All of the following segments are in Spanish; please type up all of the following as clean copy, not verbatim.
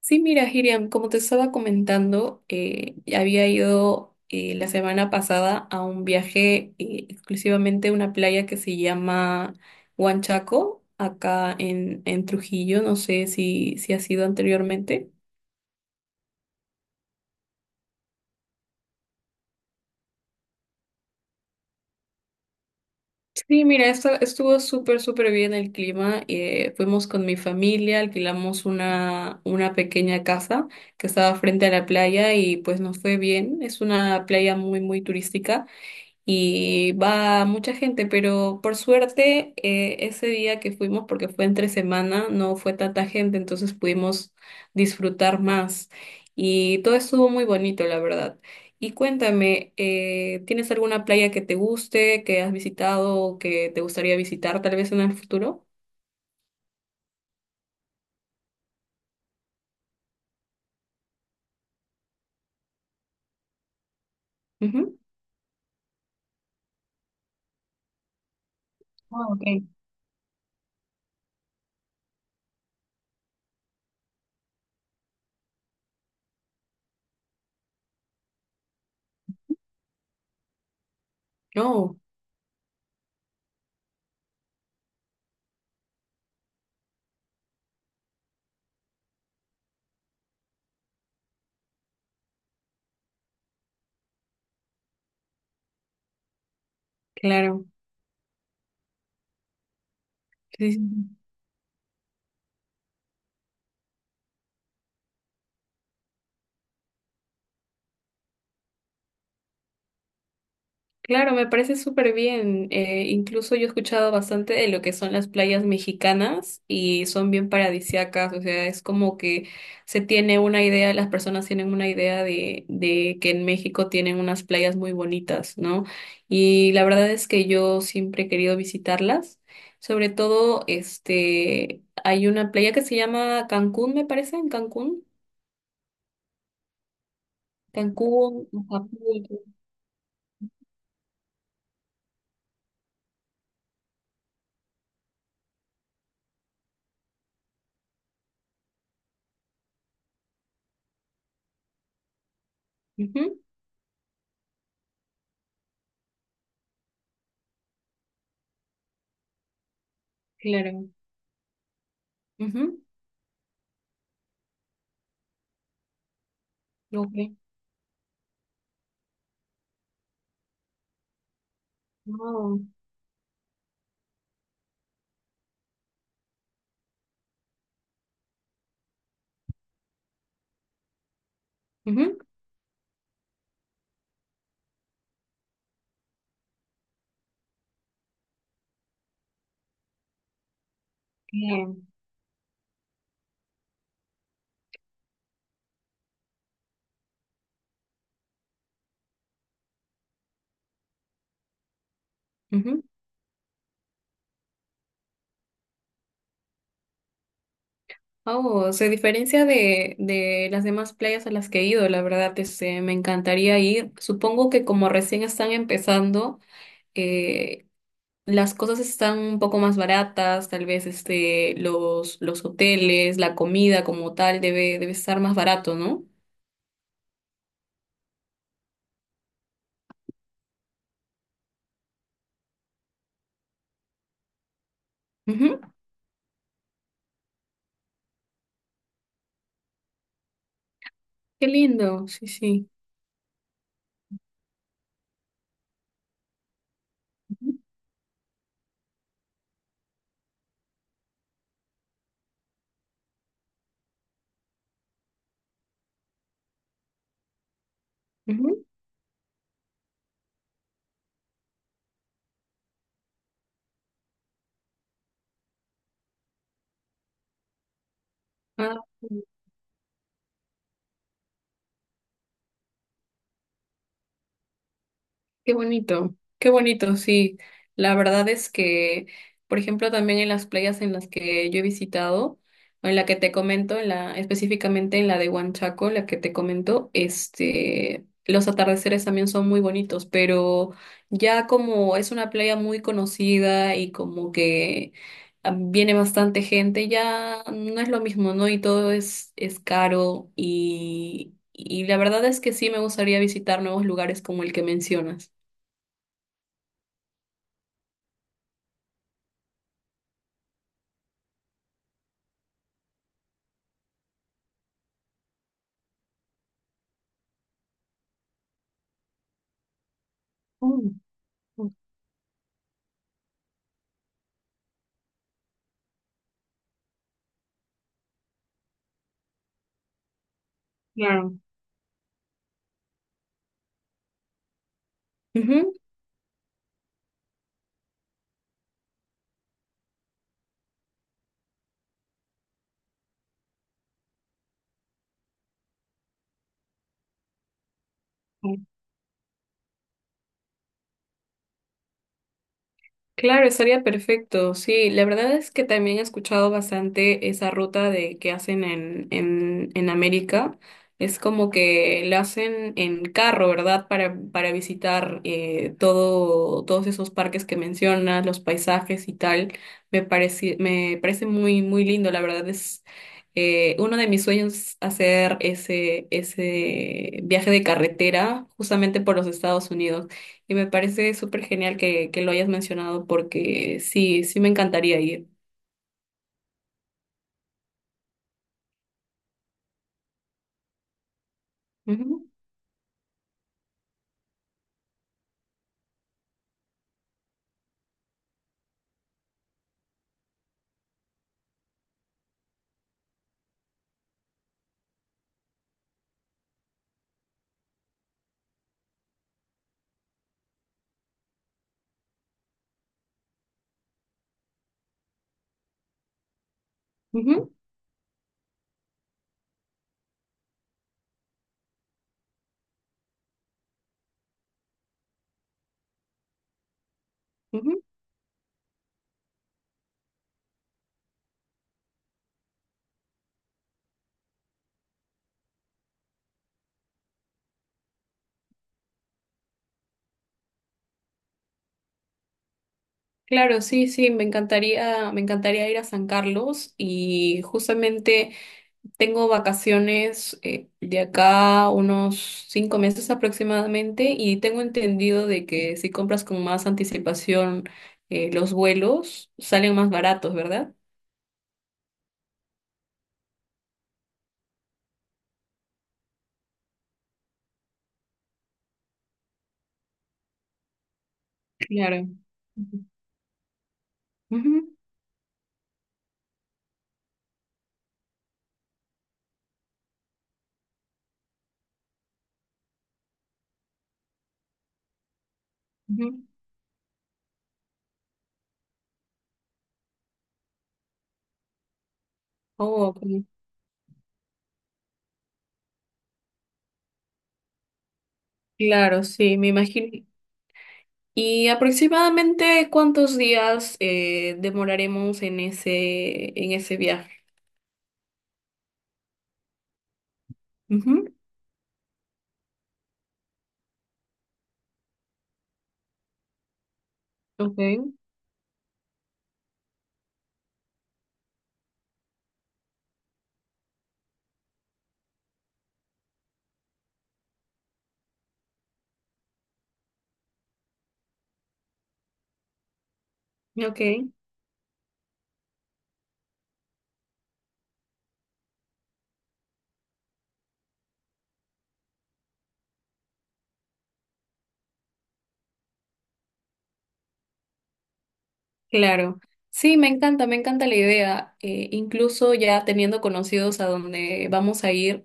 Sí, mira, Hiriam, como te estaba comentando, había ido la semana pasada a un viaje exclusivamente a una playa que se llama Huanchaco, acá en Trujillo. No sé si has ido anteriormente. Sí, mira, estuvo súper bien el clima. Fuimos con mi familia, alquilamos una pequeña casa que estaba frente a la playa y pues nos fue bien. Es una playa muy turística. Y va mucha gente, pero por suerte ese día que fuimos, porque fue entre semana, no fue tanta gente, entonces pudimos disfrutar más y todo estuvo muy bonito, la verdad. Y cuéntame, ¿tienes alguna playa que te guste, que has visitado o que te gustaría visitar tal vez en el futuro? Ujú. Ah, ok. Oh, claro. Sí, sí, sí. Claro, me parece súper bien. Incluso yo he escuchado bastante de lo que son las playas mexicanas y son bien paradisíacas. O sea, es como que se tiene una idea, las personas tienen una idea de que en México tienen unas playas muy bonitas, ¿no? Y la verdad es que yo siempre he querido visitarlas. Sobre todo, este, hay una playa que se llama Cancún, me parece, en Cancún. Cancún, Acapulco. Ujú, claro. Ujú, ok. Wow. Ujú, bien. Ujú. Oh, se diferencia de las demás playas a las que he ido, la verdad, este, me encantaría ir. Supongo que como recién están empezando, eh, las cosas están un poco más baratas, tal vez este, los hoteles, la comida como tal debe estar más barato, ¿no? Ujú, qué lindo, sí, sí. Ujú, ujú. Ah, qué bonito, qué bonito, sí. La verdad es que, por ejemplo, también en las playas en las que yo he visitado, o en la que te comento, en específicamente en la de Huanchaco, la que te comento, este, los atardeceres también son muy bonitos, pero ya como es una playa muy conocida y como que ah, viene bastante gente, ya no es lo mismo, ¿no? Y todo es caro y la verdad es que sí me gustaría visitar nuevos lugares como el que mencionas. Mm, claro. Ujú. Claro, estaría perfecto. Sí, la verdad es que también he escuchado bastante esa ruta de que hacen en América. Es como que la hacen en carro, ¿verdad? Para visitar todo, todos esos parques que mencionas, los paisajes y tal. Me parece muy lindo. La verdad es uno de mis sueños hacer ese viaje de carretera justamente por los Estados Unidos. Y me parece súper genial que lo hayas mencionado porque sí, sí me encantaría ir. Ujú, ujú, ujú. Claro, sí, sí, me encantaría ir a San Carlos y justamente tengo vacaciones de acá unos 5 meses aproximadamente y tengo entendido de que si compras con más anticipación los vuelos salen más baratos, ¿verdad? Claro. Ujú, ujú, ujú. Oh, ok. Claro, sí, me imagino. ¿Y aproximadamente cuántos días demoraremos en en ese viaje? Ujú, ok, ok. Claro, sí, me encanta la idea. Incluso ya teniendo conocidos a donde vamos a ir,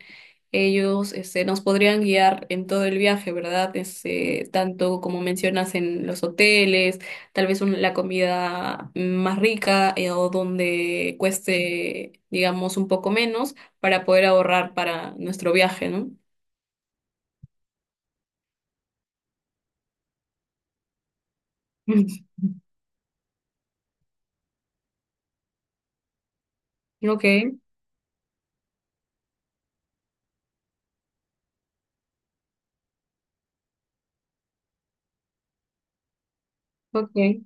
ellos este, nos podrían guiar en todo el viaje, ¿verdad? Este, tanto como mencionas en los hoteles, tal vez un- la comida más rica o donde cueste, digamos, un poco menos para poder ahorrar para nuestro viaje, ¿no? Ok, ok.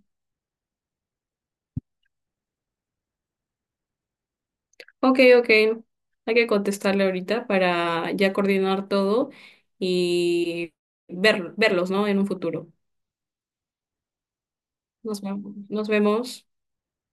Ok, ok. Hay que contestarle ahorita para ya coordinar todo y verlos, ¿no? En un futuro. Nos vemos. Nos vemos.